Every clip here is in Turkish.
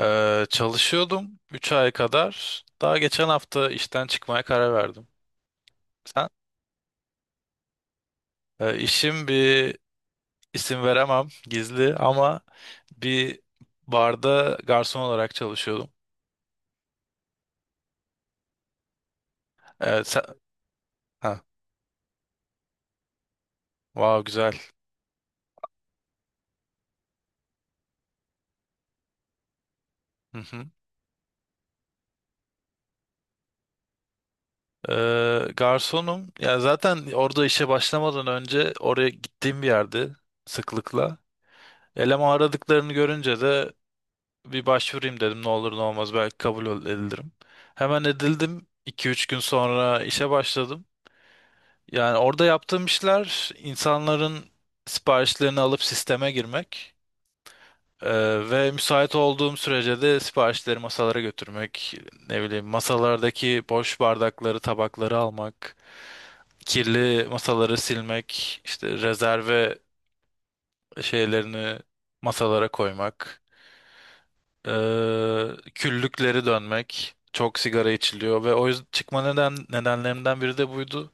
Çalışıyordum 3 ay kadar. Daha geçen hafta işten çıkmaya karar verdim. Sen? İşim bir isim veremem gizli ama bir barda garson olarak çalışıyordum. Evet, sen... Ha, wow güzel. Hı hı. Garsonum. Ya zaten orada işe başlamadan önce oraya gittiğim bir yerde sıklıkla. Eleman aradıklarını görünce de bir başvurayım dedim, ne olur ne olmaz belki kabul edilirim. Hemen edildim. 2-3 gün sonra işe başladım. Yani orada yaptığım işler insanların siparişlerini alıp sisteme girmek, e, ve müsait olduğum sürece de siparişleri masalara götürmek, ne bileyim masalardaki boş bardakları, tabakları almak, kirli masaları silmek, işte rezerve şeylerini masalara koymak. Ee, küllükleri dönmek. Çok sigara içiliyor ve o yüzden çıkma nedenlerimden biri de buydu.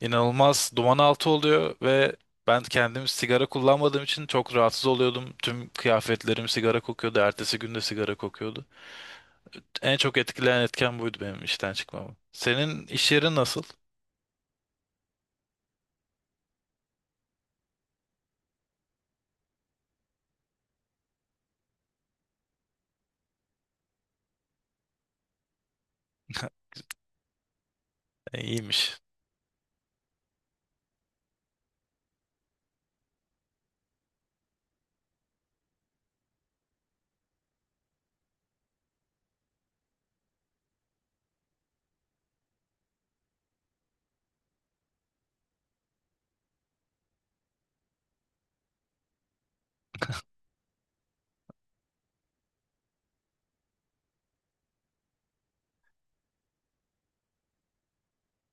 İnanılmaz duman altı oluyor ve ben kendim sigara kullanmadığım için çok rahatsız oluyordum. Tüm kıyafetlerim sigara kokuyordu. Ertesi gün de sigara kokuyordu. En çok etkileyen etken buydu benim işten çıkmamı. Senin iş yerin nasıl? İyiymiş.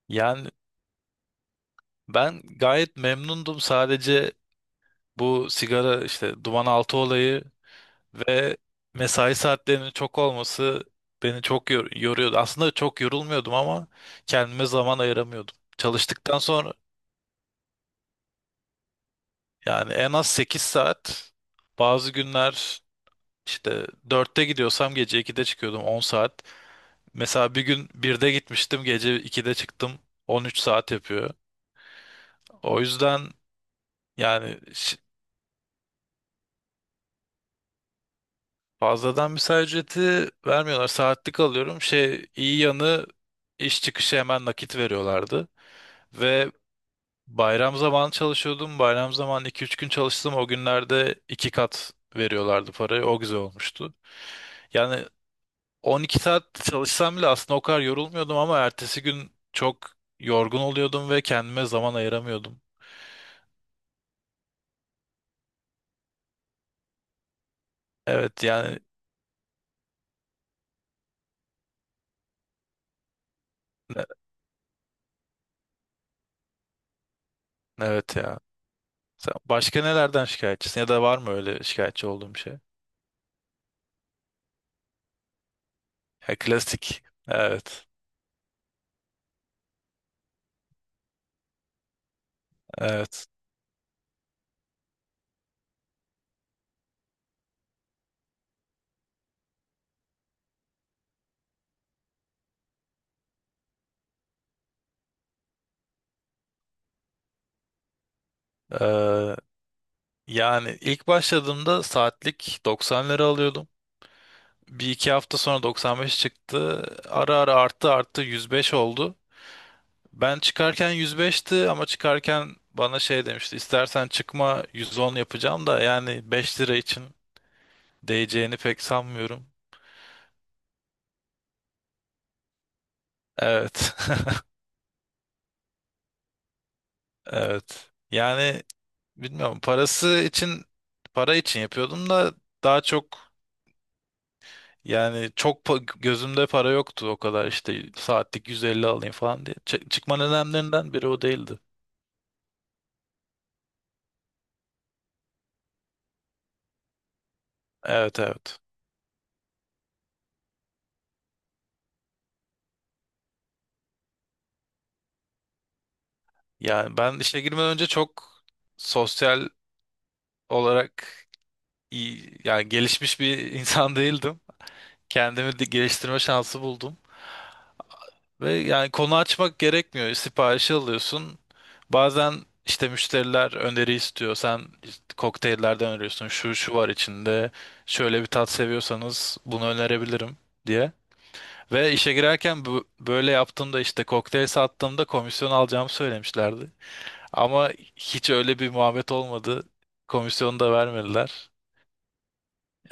Yani ben gayet memnundum. Sadece bu sigara işte duman altı olayı. Ve mesai saatlerinin çok olması beni çok yoruyordu. Aslında çok yorulmuyordum ama kendime zaman ayıramıyordum. Çalıştıktan sonra yani en az 8 saat, bazı günler işte 4'te gidiyorsam gece 2'de çıkıyordum, 10 saat. Mesela bir gün 1'de gitmiştim, gece 2'de çıktım, 13 saat yapıyor. O yüzden yani fazladan mesai ücreti vermiyorlar. Saatlik alıyorum. Şey, iyi yanı iş çıkışı hemen nakit veriyorlardı. Ve Bayram zamanı çalışıyordum. Bayram zamanı 2-3 gün çalıştım. O günlerde 2 kat veriyorlardı parayı. O güzel olmuştu. Yani 12 saat çalışsam bile aslında o kadar yorulmuyordum ama ertesi gün çok yorgun oluyordum ve kendime zaman ayıramıyordum. Evet, yani ne- evet ya. Sen başka nelerden şikayetçisin ya da var mı öyle şikayetçi olduğum şey? Ya, klasik. Evet. Evet. Ee, yani ilk başladığımda saatlik 90 lira alıyordum. Bir iki hafta sonra 95 çıktı. Ara ara arttı arttı 105 oldu. Ben çıkarken 105'ti ama çıkarken bana şey demişti. İstersen çıkma, 110 yapacağım da yani 5 lira için değeceğini pek sanmıyorum. Evet. Evet. Yani bilmiyorum, para için yapıyordum da daha çok, yani gözümde para yoktu o kadar, işte saatlik 150 alayım falan diye. Çıkma nedenlerinden biri o değildi. Evet, evet. Yani ben işe girmeden önce çok sosyal olarak iyi, yani gelişmiş bir insan değildim. Kendimi de geliştirme şansı buldum. Ve yani konu açmak gerekmiyor. Siparişi alıyorsun. Bazen işte müşteriler öneri istiyor. Sen işte kokteyllerden öneriyorsun. Şu şu var içinde. Şöyle bir tat seviyorsanız bunu önerebilirim diye. Ve işe girerken böyle yaptığımda işte kokteyl sattığımda komisyon alacağımı söylemişlerdi. Ama hiç öyle bir muhabbet olmadı. Komisyonu da vermediler.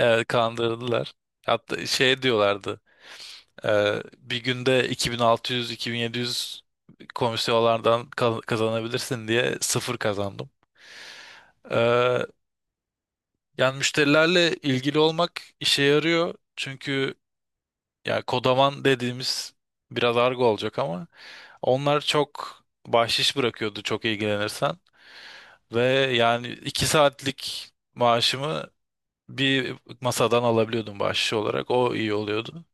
Kandırdılar. Hatta şey diyorlardı. Bir günde 2600-2700 komisyonlardan kazanabilirsin diye sıfır kazandım. Ee, yani müşterilerle ilgili olmak işe yarıyor. Çünkü ya kodaman dediğimiz biraz argo olacak ama onlar çok bahşiş bırakıyordu çok ilgilenirsen. Ve yani 2 saatlik maaşımı bir masadan alabiliyordum bahşiş olarak. O iyi oluyordu.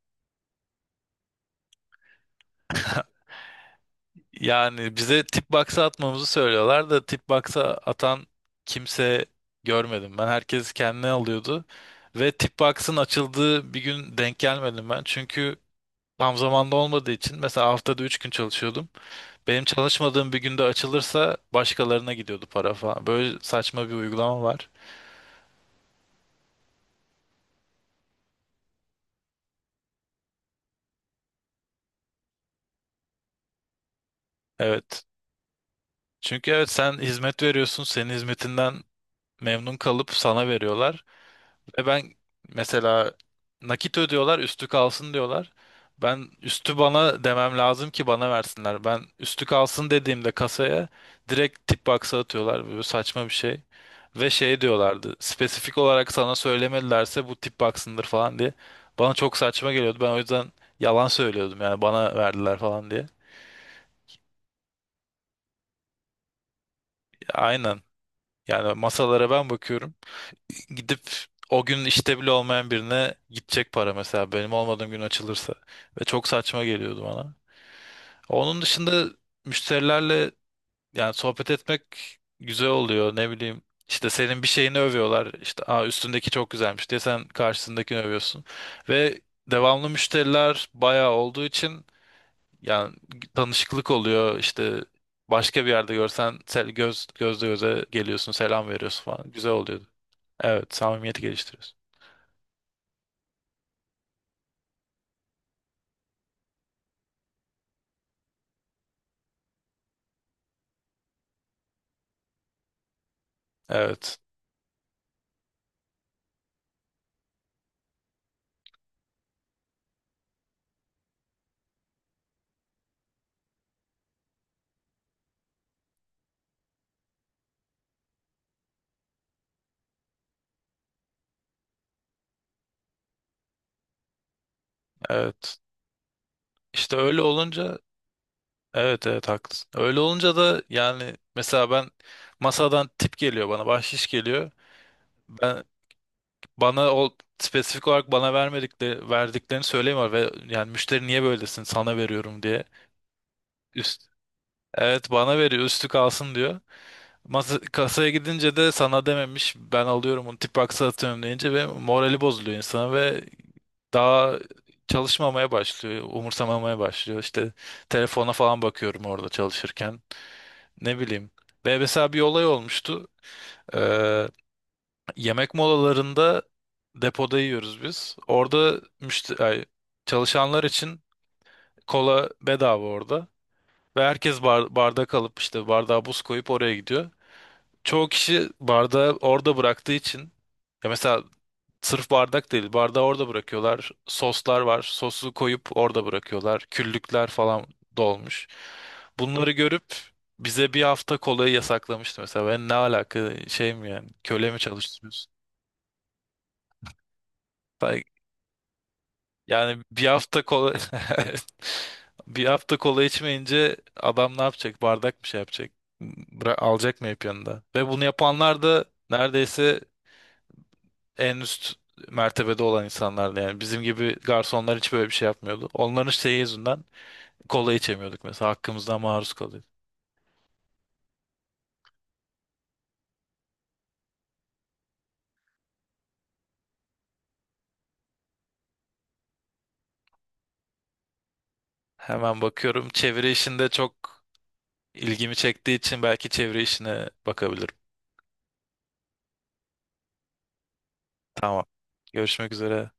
Yani bize tip box'a atmamızı söylüyorlar da tip box'a atan kimse görmedim. Ben herkes kendine alıyordu. Ve tip box'ın açıldığı bir gün denk gelmedim ben. Çünkü tam zamanda olmadığı için mesela haftada 3 gün çalışıyordum. Benim çalışmadığım bir günde açılırsa başkalarına gidiyordu para falan. Böyle saçma bir uygulama var. Evet. Çünkü evet sen hizmet veriyorsun. Senin hizmetinden memnun kalıp sana veriyorlar. Ve ben mesela nakit ödüyorlar, üstü kalsın diyorlar. Ben üstü bana demem lazım ki bana versinler. Ben üstü kalsın dediğimde kasaya direkt tip box'a atıyorlar. Böyle saçma bir şey. Ve şey diyorlardı. Spesifik olarak sana söylemedilerse bu tip box'ındır falan diye. Bana çok saçma geliyordu. Ben o yüzden yalan söylüyordum yani bana verdiler falan diye. Aynen. Yani masalara ben bakıyorum. Gidip o gün işte bile olmayan birine gidecek para, mesela benim olmadığım gün açılırsa, ve çok saçma geliyordu bana. Onun dışında müşterilerle yani sohbet etmek güzel oluyor ne bileyim, işte senin bir şeyini övüyorlar, işte Aa, üstündeki çok güzelmiş diye, sen karşısındakini övüyorsun ve devamlı müşteriler bayağı olduğu için yani tanışıklık oluyor işte, başka bir yerde görsen göz göze geliyorsun, selam veriyorsun falan, güzel oluyordu. Evet, samimiyeti geliştiriyorsun. Evet, evet. İşte öyle olunca, evet evet haklısın. Öyle olunca da yani mesela ben, masadan tip geliyor bana, bahşiş geliyor. Ben bana o spesifik olarak bana vermedikleri verdiklerini söylemiyor ve yani müşteri niye böylesin sana veriyorum diye. Üst, evet bana veriyor, üstü kalsın diyor. Kasaya gidince de sana dememiş, ben alıyorum onu tip box'a atıyorum deyince ve morali bozuluyor insana ve daha çalışmamaya başlıyor, umursamamaya başlıyor. İşte telefona falan bakıyorum orada çalışırken. Ne bileyim. Ve mesela bir olay olmuştu. Ee, yemek molalarında depoda yiyoruz biz. Orada çalışanlar için kola bedava orada. Ve herkes bardak alıp işte bardağa buz koyup oraya gidiyor. Çoğu kişi bardağı orada bıraktığı için, ya mesela sırf bardak değil, bardağı orada bırakıyorlar. Soslar var. Sosu koyup orada bırakıyorlar. Küllükler falan dolmuş. Bunları görüp bize bir hafta kolayı yasaklamıştı mesela. Ben ne alaka, şey mi yani, köle mi çalıştırıyorsun? Say- Yani bir hafta kola bir hafta kola içmeyince adam ne yapacak? Bardak mı şey yapacak? Alacak mı hep yanında? Ve bunu yapanlar da neredeyse en üst mertebede olan insanlardı yani. Bizim gibi garsonlar hiç böyle bir şey yapmıyordu. Onların şeyi yüzünden kola içemiyorduk mesela. Hakkımızdan maruz kalıyorduk. Hemen bakıyorum. Çeviri işinde çok ilgimi çektiği için belki çeviri işine bakabilirim. Tamam. Görüşmek üzere.